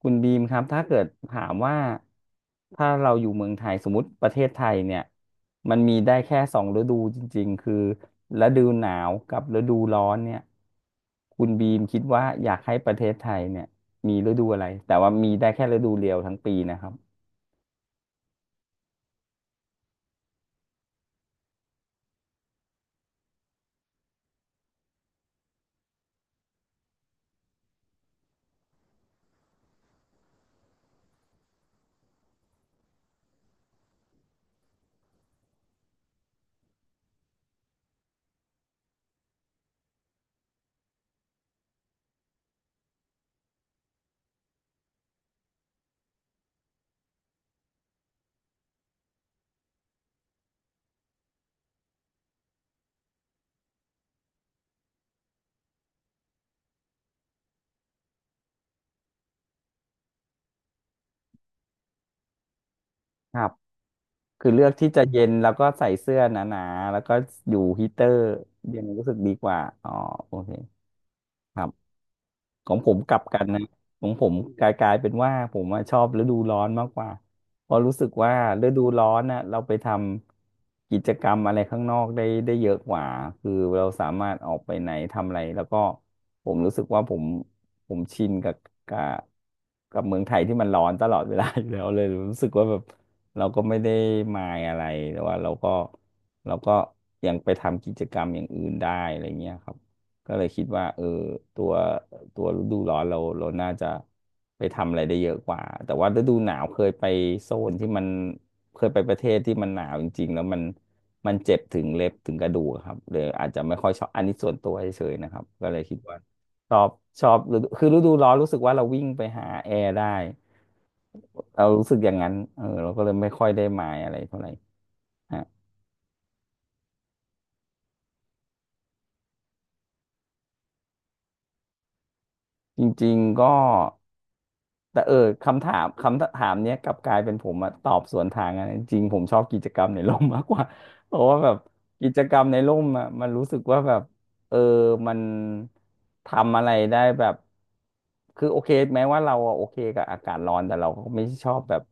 คุณบีมครับถ้าเกิดถามว่าถ้าเราอยู่เมืองไทยสมมติประเทศไทยเนี่ยมันมีได้แค่สองฤดูจริงๆคือฤดูหนาวกับฤดูร้อนเนี่ยคุณบีมคิดว่าอยากให้ประเทศไทยเนี่ยมีฤดูอะไรแต่ว่ามีได้แค่ฤดูเดียวทั้งปีนะครับครับคือเลือกที่จะเย็นแล้วก็ใส่เสื้อหนาๆแล้วก็อยู่ฮีเตอร์เยังรู้สึกดีกว่าอ๋อโอเคครับ ของผมกลับกันนะของผมกลายเป็นว่าผมอะชอบฤดูร้อนมากกว่าเพราะรู้สึกว่าฤดูร้อนน่ะเราไปทำกิจกรรมอะไรข้างนอกได้เยอะกว่าคือเราสามารถออกไปไหนทำอะไรแล้วก็ผมรู้สึกว่าผมชินกับกับเมืองไทยที่มันร้อนตลอดเวลาอยู่แล้วเลยรู้สึกว่าแบบเราก็ไม่ได้มายอะไรแต่ว่าเราก็ยังไปทำกิจกรรมอย่างอื่นได้อะไรเงี้ยครับ ก็เลยคิดว่าเออตัวตัวฤดูร้อนเราน่าจะไปทำอะไรได้เยอะกว่าแต่ว่าฤดูหนาวเคยไปโซนที่มันเคยไปประเทศที่มันหนาวจริงๆแล้วมันเจ็บถึงเล็บถึงกระดูกครับเลยอาจจะไม่ค่อยชอบอันนี้ส่วนตัวเฉยๆนะครับก็เลยคิดว่าชอบชอบฤดูคือฤดูร้อนรู้สึกว่าเราวิ่งไปหาแอร์ได้เรารู้สึกอย่างนั้นเออเราก็เลยไม่ค่อยได้หมายอะไรเท่าไหร่ฮะจริงๆก็ แต่เออคำถามเนี้ยกลับกลายเป็นผมอะตอบสวนทางอะจริงๆผมชอบกิจกรรมในร่มมากกว่า เพราะว่าแบบกิจกรรมในร่มอะมันรู้สึกว่าแบบเออมันทำอะไรได้แบบคือโอเคแม้ว่าเราอะโอเคกับอากาศร้อนแต่เราก็ไม่ชอบแบบ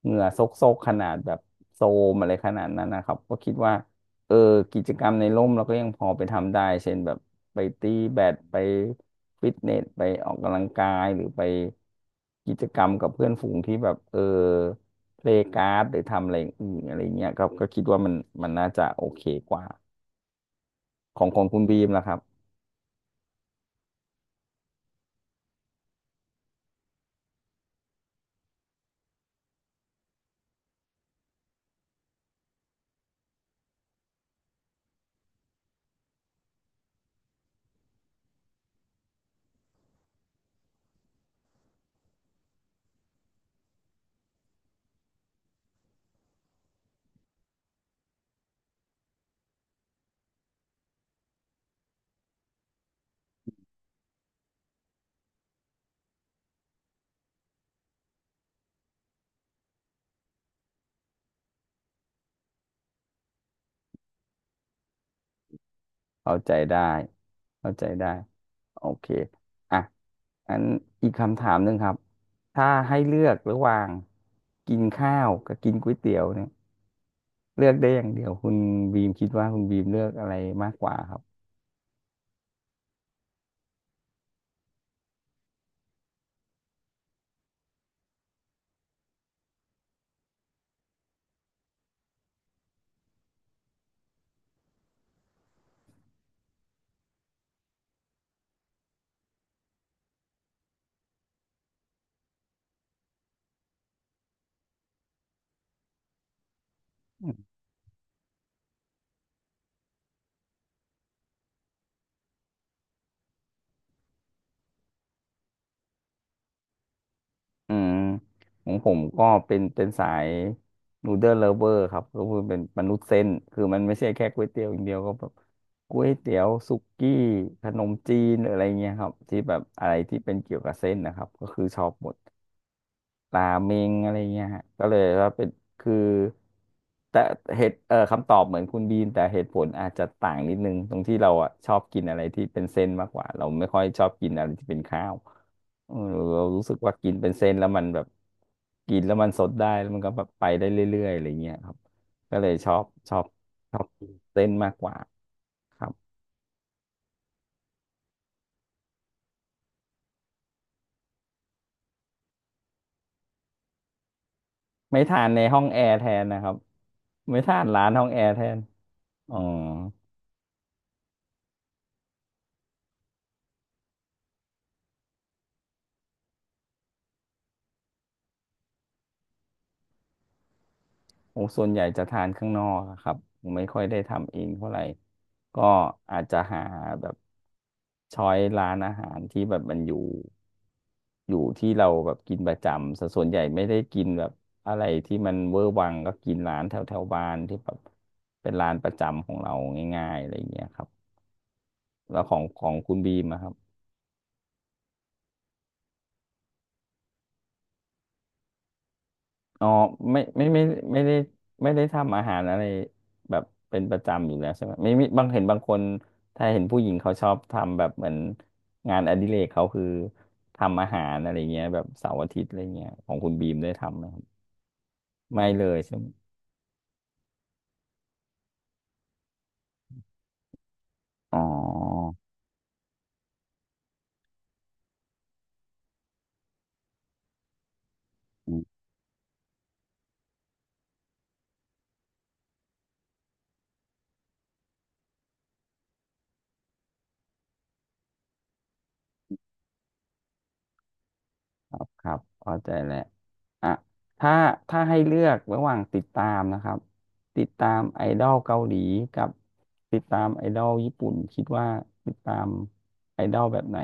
เหงื่อซกๆขนาดแบบโซมอะไรขนาดนั้นนะครับก็คิดว่า เออกิจกรรมในร่มเราก็ยังพอไปทำได้ เช่นแบบไปตีแบดไปฟิตเนสไปออกกำลังกายหรือไปกิจกรรมกับเพื่อนฝูงที่แบบเออเพลย์การ์ดหรือทำอะไรอย่างอื่นอะไรเงี้ยก็คิดว่ามันน่าจะโอเคกว่าของคุณบีมล่ะครับเข้าใจได้เข้าใจได้โอเคอ่ะอันอีกคำถามหนึ่งครับถ้าให้เลือกระหว่างกินข้าวกับกินก๋วยเตี๋ยวเนี่ย เลือกได้อย่างเดียวคุณบีมคิดว่าคุณบีมเลือกอะไรมากกว่าครับอืมของผมก็เป็นสายนูเดิลเลเวอร์ครับก็คือเป็นมนุษย์เส้นคือมันไม่ใช่แค่ก๋วยเตี๋ยวอย่างเดียวก็แบบก๋วยเตี๋ยวสุกี้ขนมจีนหรืออะไรเงี้ยครับที่แบบอะไรที่เป็นเกี่ยวกับเส้นนะครับก็คือชอบหมด ตาเมงอะไรเงี้ยฮะก็เลยว่าเป็นคือแต่เหตุคำตอบเหมือนคุณบีมแต่เหตุผลอาจจะต่างนิดนึงตรงที่เราอ่ะชอบกินอะไรที่เป็นเส้นมากกว่าเราไม่ค่อยชอบกินอะไรที่เป็นข้าวเออเรารู้สึกว่ากินเป็นเส้นแล้วมันแบบกินแล้วมันสดได้แล้วมันก็แบบไปได้เรื่อยๆอะไรเงี้ยครับก็เลยชอบชอบกินเส้นมากกว่าครับไม่ทานในห้องแอร์แทนนะครับไม่ทานร้านห้องแอร์แทนอ๋อ โอ้ส่วนใหญ่จะทานข้างนอกอะครับผมไม่ค่อยได้ทำเองเท่าไหร่ก็อาจจะหาแบบช้อยร้านอาหารที่แบบมันอยู่อยู่ที่เราแบบกินประจำสส่วนใหญ่ไม่ได้กินแบบอะไรที่มันเวอร์วังก็กินร้านแถวแถวบ้านที่แบบเป็นร้านประจำของเราง่ายๆอะไรอย่างเงี้ยครับแล้วของคุณบีมอะครับ อ๋อไม่ไม่ได้ไม่ได้ทำอาหารอะไรแบบเป็นประจำอยู่แล้วใช่ไหมไม่มีบางเห็นบางคนถ้าเห็นผู้หญิงเขาชอบทำแบบเหมือนงานอดิเรกเขาคือทำอาหารอะไรเงี้ยแบบเสาร์อาทิตย์อะไรเงี้ยของคุณบีมได้ทำไหมครับไม่เลยใช่ไหมอ๋ออืมครับครับเข้าใจแล้วอ่ะถ้าถ้าให้เลือกระหว่างติดตามนะครับติดตามไอดอลเกาหลีกับติดตามไอดอลญี่ปุ่นคิดว่าติดตามไอดอลแบบไหน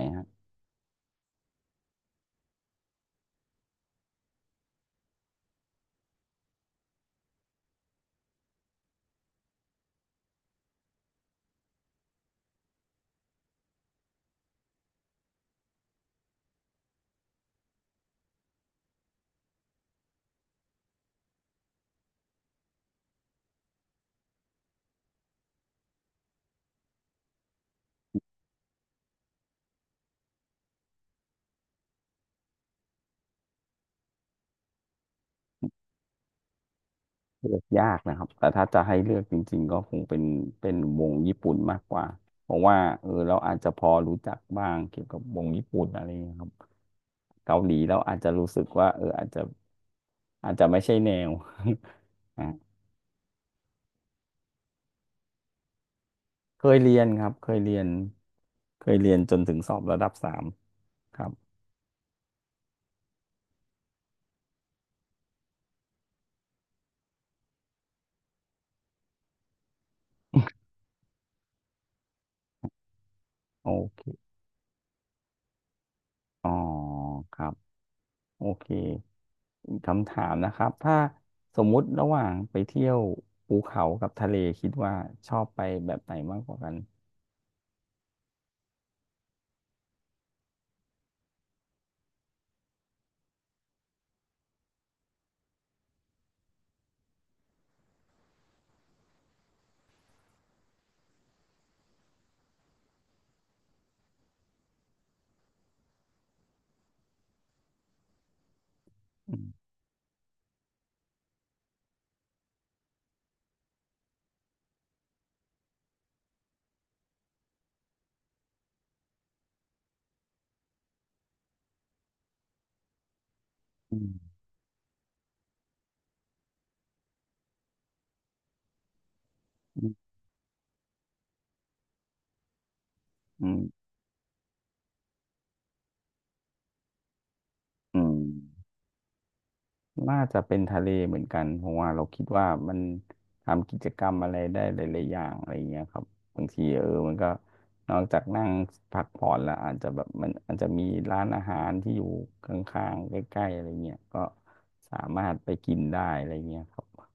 เลือกยากนะครับแต่ถ้าจะให้เลือกจริงๆก็คงเป็นวงญี่ปุ่นมากกว่า เพราะว่าเออเราอาจจะพอรู้จักบ้างเกี่ยวกับวงญี่ปุ่นอะไรอย่างเงี้ยครับเกาหลีเราอาจจะรู้สึกว่าเอออาจจะไม่ใช่แนว อ่ะเคยเรียนครับเคยเรียนเคยเรียนจนถึงสอบระดับสามครับโอเคอ๋อครับโอเค อีกคำถามนะครับถ้าสมมุติระหว่างไปเที่ยวภูเขากับทะเลคิดว่าชอบไปแบบไหนมากกว่ากันอืมอืมอืมอืมอืมน่าจะเป็นทะเลเหมือนกันเพราะว่าเราคิดว่ามันทำกิจกรรมอะไรได้หลายๆอย่างอะไรเงี้ยครับบางทีมันก็นอกจากนั่งพักผ่อนแล้วอาจจะแบบมันอาจจะมีร้านอาหารที่อยู่ข้างๆใกล้ๆอะไรเงี้ยก็สามารถไปกินได้อะไรเงี้ยครับ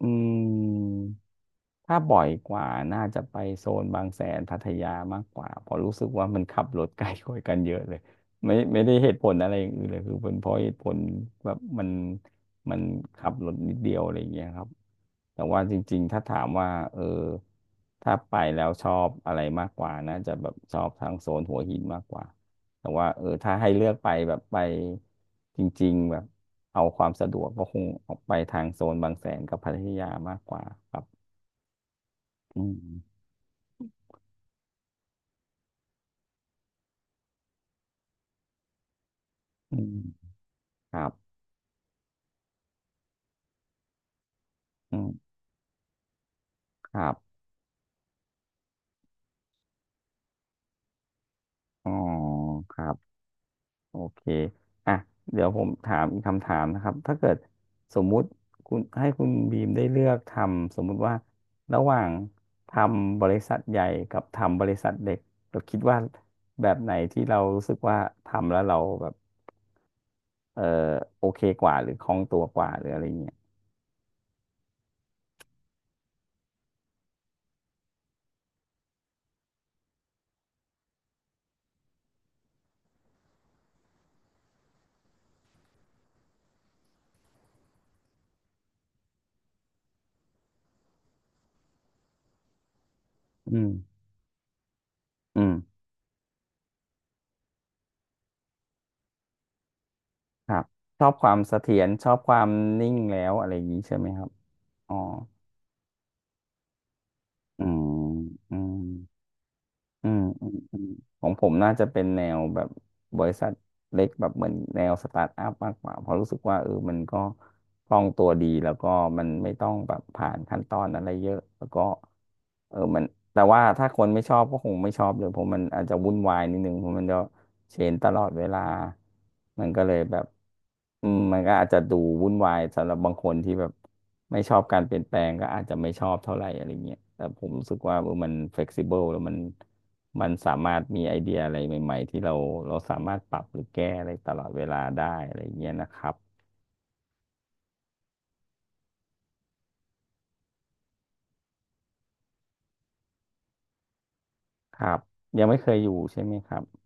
อืม ถ้าบ่อยกว่าน่าจะไปโซนบางแสนพัทยามากกว่าเพราะรู้สึกว่ามันขับรถไกลกว่ากันเยอะเลยไม่ได้เหตุผลอะไรอย่างอื่นเลยคือเป็นเพราะเหตุผลแบบมันขับรถนิดเดียวอะไรอย่างเงี้ยครับแต่ว่าจริงๆ ถ้าถามว่าถ้าไปแล้วชอบอะไรมากกว่าน่าจะแบบชอบทางโซนหัวหินมากกว่า แต่ว่าถ้าให้เลือกไปแบบไปจริงๆแบบเอาความสะดวกก็คงออกไปทางโซนบางแสนกับพัทยามากกว่าครับ อืมอืมครับอืมครับอ๋อครับโอเค อ่ะ เดี๋ยวผมถามอีกคำถามนะครับ ถ้าเกิดสมมุติคุณให้คุณบีมได้เลือกทำสมมุติว่าระหว่างทำบริษัทใหญ่กับทำบริษัทเล็กเราคิดว่าแบบไหนที่เรารู้สึกว่าทำแล้วเราแบบเออโอเคกว่าหรือคล่องตัวกว่าหรืออะไรเงี้ยอืมอืมครับชอบความเสถียรชอบความนิ่งแล้วอะไรอย่างนี้ใช่ไหมครับอ๋อ อืมอืมอืมอืม อืม ของผมน่าจะเป็นแนวแบบบริษัทเล็กแบบเหมือนแนวสตาร์ทอัพมากกว่าเพราะรู้สึกว่ามันก็คล่องตัวดีแล้วก็มันไม่ต้องแบบผ่านขั้นตอนอะไรเยอะแล้วก็เออมันแต่ว่าถ้าคนไม่ชอบก็คงไม่ชอบเลยเพราะมันอาจจะวุ่นวายนิดนึงเพราะมันจะเชนตลอดเวลา มันก็เลยแบบมันก็อาจจะดูวุ่นวายสำหรับบางคนที่แบบไม่ชอบการเปลี่ยนแปลงก็อาจจะไม่ชอบเท่าไหร่อะไรเงี้ยแต่ผมรู้สึกว่ามันเฟ e ซิเบิลแล้วมันสามารถมีไอเดียอะไรใหม่ๆที่เราสามารถปรับหรือแก้อะไรตลอดเวลาได้อะไรเงี้ยนะครับครับยังไม่เคยอยู่ใช่ไหมครับ